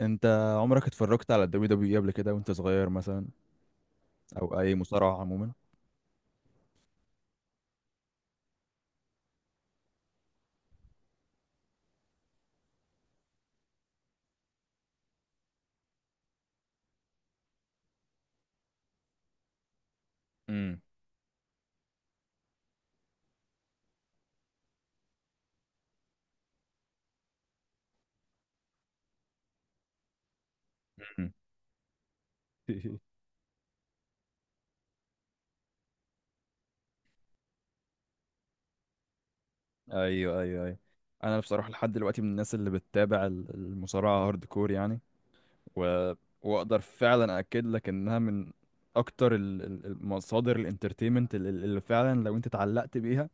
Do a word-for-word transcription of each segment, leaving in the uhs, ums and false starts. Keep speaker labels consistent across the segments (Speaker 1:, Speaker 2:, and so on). Speaker 1: انت عمرك اتفرجت على الدبليو دبليو اي قبل كده وانت صغير مثلا؟ او اي مصارعة عموما؟ امم. أمم. ايوه ايوه ايوه. انا بصراحة لحد دلوقتي من الناس اللي بتتابع ال- المصارعة هارد كور يعني. و... واقدر فعلا اكد لك انها من اكتر ال- ال- المصادر الانترتينمنت ال- ال- اللي فعلا لو انت اتعلقت بيها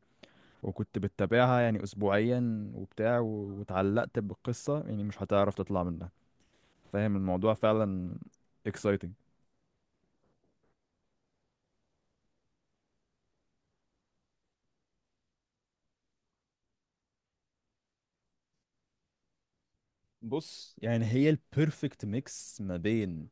Speaker 1: وكنت بتتابعها يعني اسبوعيا وبتاع، و- واتعلقت بالقصة، يعني مش هتعرف تطلع منها. فاهم الموضوع فعلا exciting. بص يعني هي البيرفكت ميكس ما بين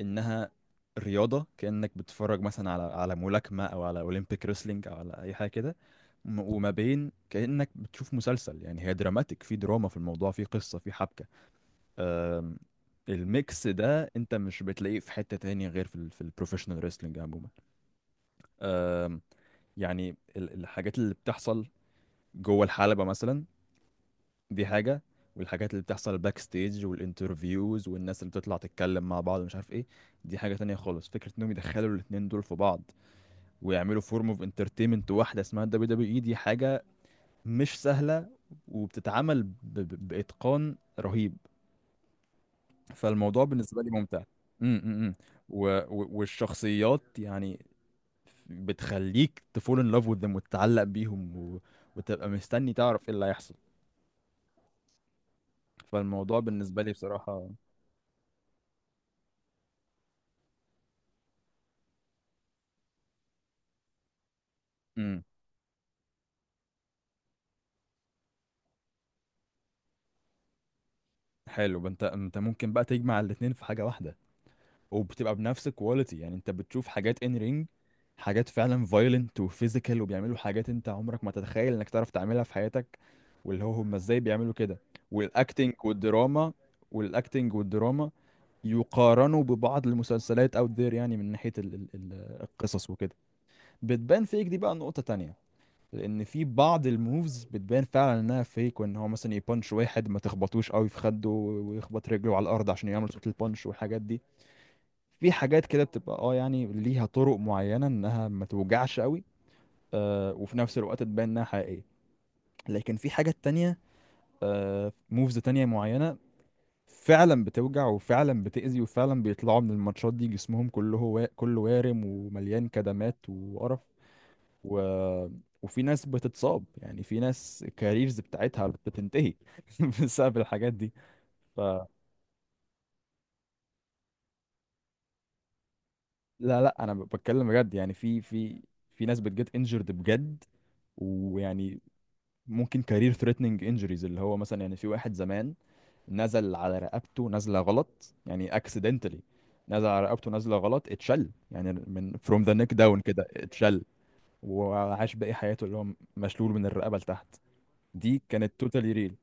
Speaker 1: انها رياضة، كأنك بتتفرج مثلا على على ملاكمة او على اولمبيك ريسلينج او على اي حاجة كده، م- وما بين كأنك بتشوف مسلسل. يعني هي دراماتيك، في دراما في الموضوع، في قصة، في حبكة. أم، الميكس ده انت مش بتلاقيه في حتة تانية غير في ال في البروفيشنال ريسلينج عموما. أم، يعني ال- الحاجات اللي بتحصل جوه الحلبة مثلا دي حاجة، والحاجات اللي بتحصل باك ستيج والانترفيوز والناس اللي بتطلع تتكلم مع بعض مش عارف ايه، دي حاجة تانية خالص. فكرة انهم يدخلوا الاتنين دول في بعض ويعملوا فورم اوف انترتينمنت واحدة اسمها دبليو دبليو اي دي حاجة مش سهلة، وبتتعمل ب... ب... بإتقان رهيب. فالموضوع بالنسبة لي ممتع. امم امم امم. و... و... والشخصيات يعني بتخليك تفول ان لاف with them وتتعلق بيهم و... وتبقى مستني تعرف ايه اللي هيحصل. فالموضوع بالنسبة لي بصراحة. امم. حلو بقى. انت انت ممكن بقى تجمع الاتنين في حاجة واحدة وبتبقى بنفس الكواليتي. يعني انت بتشوف حاجات ان رينج، حاجات فعلا فايلنت وفيزيكال وبيعملوا حاجات انت عمرك ما تتخيل انك تعرف تعملها في حياتك، واللي هو هم ازاي بيعملوا كده. والاكتنج والدراما. والاكتنج والدراما يقارنوا ببعض المسلسلات اوت ذير، يعني من ناحية ال ال ال- القصص وكده. بتبان فيك دي بقى نقطة تانية. لان في بعض الموفز بتبان فعلا انها فيك، وان هو مثلا يبانش واحد ما تخبطوش قوي في خده، ويخبط رجله على الارض عشان يعمل صوت البانش والحاجات دي. في حاجات كده بتبقى اه يعني ليها طرق معينة انها ما توجعش قوي. آه وفي نفس الوقت تبان انها حقيقية. لكن في حاجات تانية، آه موفز تانية معينة فعلا بتوجع وفعلا بتأذي، وفعلا بيطلعوا من الماتشات دي جسمهم كله وا- كله وارم ومليان كدمات وقرف. و... وفي ناس بتتصاب. يعني في ناس الكاريرز بتاعتها بتنتهي بسبب الحاجات دي. ف لا لا، انا بتكلم بجد. يعني في في في ناس بتجت انجرد بجد، ويعني ممكن كارير ثريتنينج انجريز، اللي هو مثلا يعني في واحد زمان نزل على رقبته نزله غلط يعني اكسيدنتالي، نزل على رقبته نزله غلط اتشل، يعني من from the neck down كده اتشل، وعاش باقي حياته اللي هو مشلول من الرقبه لتحت. دي كانت توتالي ريل.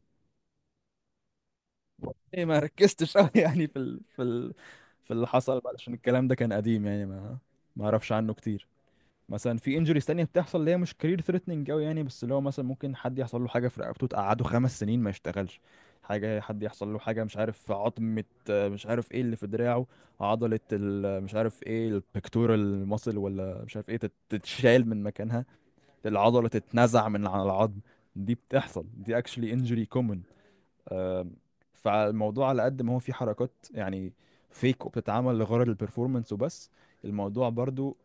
Speaker 1: إيه، ما ركزتش قوي يعني في ال... في ال... في اللي حصل بعد، عشان الكلام ده كان قديم يعني ما ما اعرفش عنه كتير. مثلا في انجريز تانية بتحصل اللي هي مش كارير ثريتنينج قوي يعني، بس اللي هو مثلا ممكن حد يحصل له حاجة في رقبته تقعده خمس سنين ما يشتغلش. حاجة، حد يحصل له حاجة مش عارف في عظمة، آه، مش عارف ايه اللي في دراعه، عضلة ال... مش عارف ايه البكتورال ماسل ولا مش عارف ايه تت- تتشال من مكانها، العضلة تتنزع من على العظم. دي بتحصل دي actually injury common. آم، فالموضوع على قد ما هو فيه حركات يعني فيك وبتتعمل لغرض البرفورمانس وبس، الموضوع برضو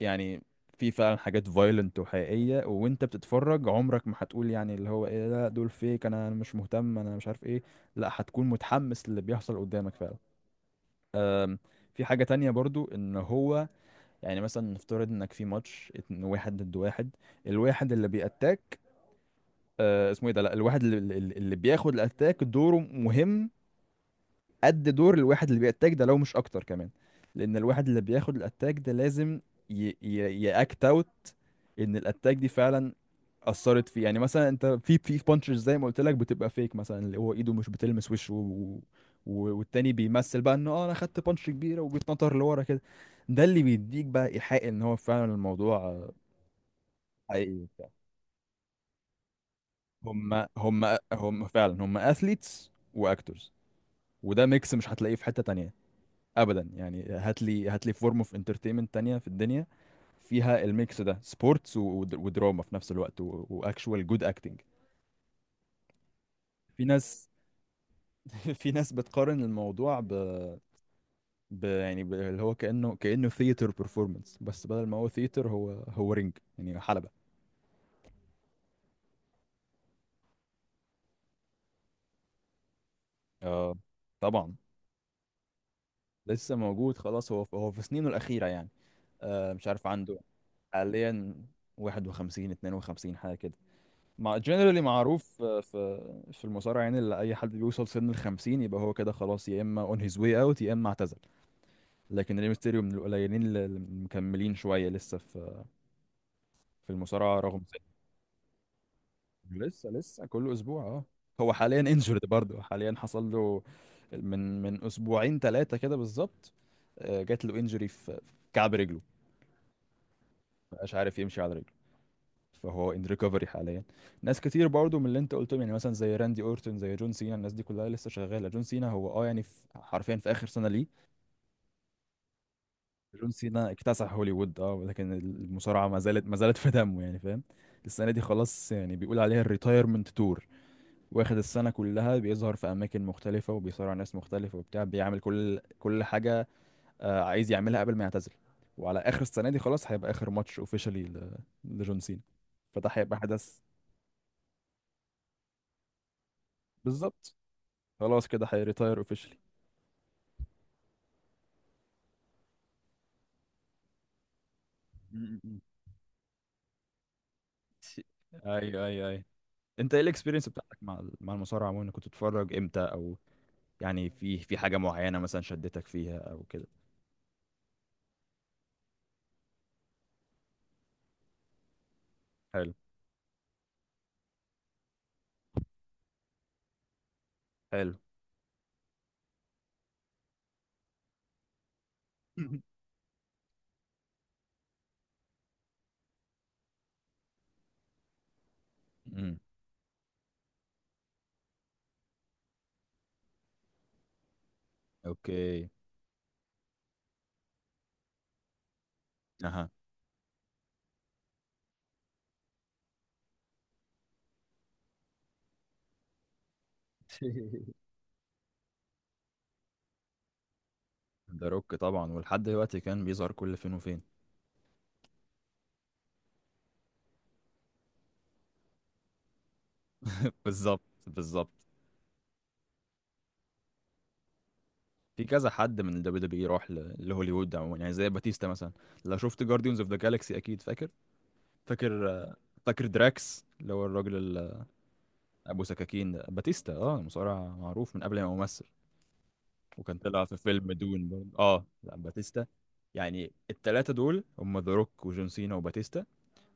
Speaker 1: يعني في فعلا حاجات فايلنت وحقيقية، وانت بتتفرج عمرك ما هتقول يعني اللي هو ايه لا دول فيك انا مش مهتم انا مش عارف ايه، لا، هتكون متحمس للي بيحصل قدامك فعلا. أم، في حاجة تانية برضو ان هو يعني مثلا نفترض انك في ماتش اتنين، واحد ضد واحد، الواحد اللي بيأتاك، آه، اسمه ايه ده، لا الواحد اللي, اللي اللي بياخد الاتاك دوره مهم قد دور الواحد اللي بيأتاك ده، لو مش اكتر كمان. لان الواحد اللي بياخد الاتاك ده لازم ي... ي... يأكت اوت ان الاتاك دي فعلا اثرت فيه. يعني مثلا انت في في بانشز زي ما قلت لك بتبقى فيك، مثلا اللي هو ايده مش بتلمس وشه و... و... والتاني بيمثل بقى انه اه انا خدت بانش كبيره وبيتنطر لورا كده. ده اللي بيديك بقى ايحاء ان هو فعلا الموضوع آه، حقيقي وبتاع. هم هم هم فعلا هم اثليتس واكتورز، وده ميكس مش هتلاقيه في حته تانية ابدا. يعني هات لي هات لي فورم اوف انترتينمنت تانية في الدنيا فيها الميكس ده، سبورتس ودراما في نفس الوقت واكشوال جود اكتنج. في ناس في ناس بتقارن الموضوع ب, ب... يعني ب... اللي هو كأنه كأنه ثياتر performance، بس بدل ما هو ثياتر هو هو رينج يعني حلبة. اه طبعا. لسه موجود خلاص. هو في... هو في سنينه الأخيرة يعني. آه مش عارف عنده حاليا، واحد وخمسين اتنين وخمسين حاجة كده. مع جنرالي معروف، آه، في في المصارعه يعني، اللي اي حد بيوصل سن ال خمسين يبقى هو كده خلاص، يا اما اون هيز واي اوت يا اما اعتزل. لكن ري ميستيريو من القليلين اللي اللي مكملين شويه لسه في في المصارعه رغم سنه. لسه لسه كل اسبوع اه. هو حاليا انجورد برضه، حاليا حصل له من من اسبوعين ثلاثه كده بالظبط. آه، جات له انجري في في كعب رجله، مبقاش عارف يمشي على رجله. فهو ان ريكفري حاليا. ناس كتير برضو من اللي انت قلتهم يعني مثلا زي راندي اورتون زي جون سينا، الناس دي كلها لسه شغاله. جون سينا هو اه يعني في حرفيا في اخر سنه ليه. جون سينا اكتسح هوليوود اه ولكن المصارعه ما زالت ما زالت في دمه يعني فاهم. السنه دي خلاص يعني بيقول عليها الريتايرمنت تور. واخد السنه كلها بيظهر في اماكن مختلفه وبيصارع ناس مختلفه وبتاع، بيعمل كل كل حاجه آه، عايز يعملها قبل ما يعتزل. وعلى اخر السنه دي خلاص هيبقى اخر ماتش اوفيشالي لجون سينا. فده هيبقى حدث. بالظبط. خلاص كده هيريتاير اوفيشلي. م- م- م. ايوه ايوه ايوه. انت ايه الاكسبيرينس بتاعتك مع ال- مع المصارعه عموما؟ كنت بتتفرج امتى او يعني في في حاجه معينه مثلا شدتك فيها او كده؟ حلو حلو. امم. اوكي. اها. ذا روك طبعا، ولحد دلوقتي كان بيظهر كل فين وفين. بالظبط بالظبط. في كذا حد من الدبليو دبليو راح ل- لهوليوود عموما، يعني زي باتيستا مثلا. لو شفت جارديونز اوف ذا جالاكسي اكيد فاكر. فاكر آه، فاكر دراكس اللي هو الراجل ابو سكاكين ده، باتيستا، اه مصارع معروف من قبل ما يمثل. وكان طلع في فيلم دون برضه، اه لا باتيستا. يعني التلاتة دول هم ذا روك وجون سينا وباتيستا،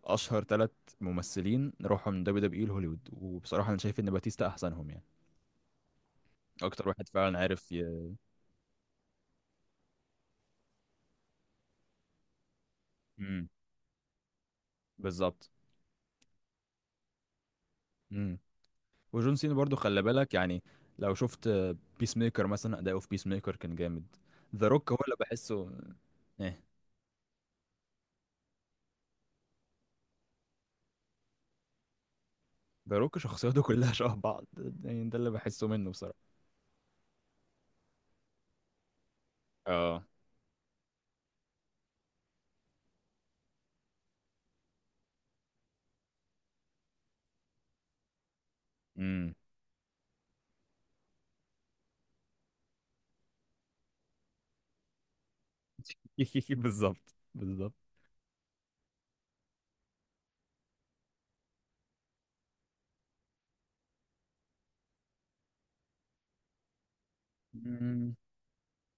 Speaker 1: اشهر تلات ممثلين راحوا من دبليو دبليو اي لهوليوود. وبصراحة انا شايف ان باتيستا احسنهم، يعني اكتر واحد فعلا عارف ي... مم. بالظبط. مم. وجون سينا برضه خلي بالك. يعني لو شفت بيس ميكر مثلا، اداؤه في بيس ميكر كان جامد. ذا روك هو اللي بحسه. ايه ذا روك شخصياته كلها شبه بعض، يعني ده اللي بحسه منه بصراحة. اه، امم. بالظبط بالظبط. مم.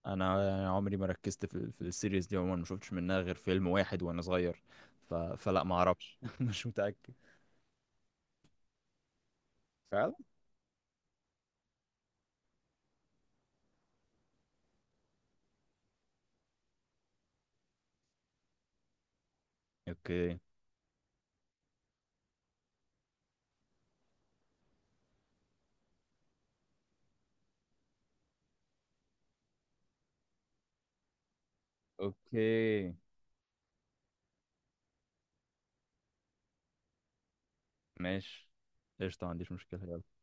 Speaker 1: انا عمري ما ركزت في في السيريز دي عموما، ما شفتش منها غير فيلم واحد وانا صغير. ف... فلا، ما اعرفش مش متأكد فعلا. اوكي اوكي. ماشي. قشطة ما عنديش مشكلة يلا.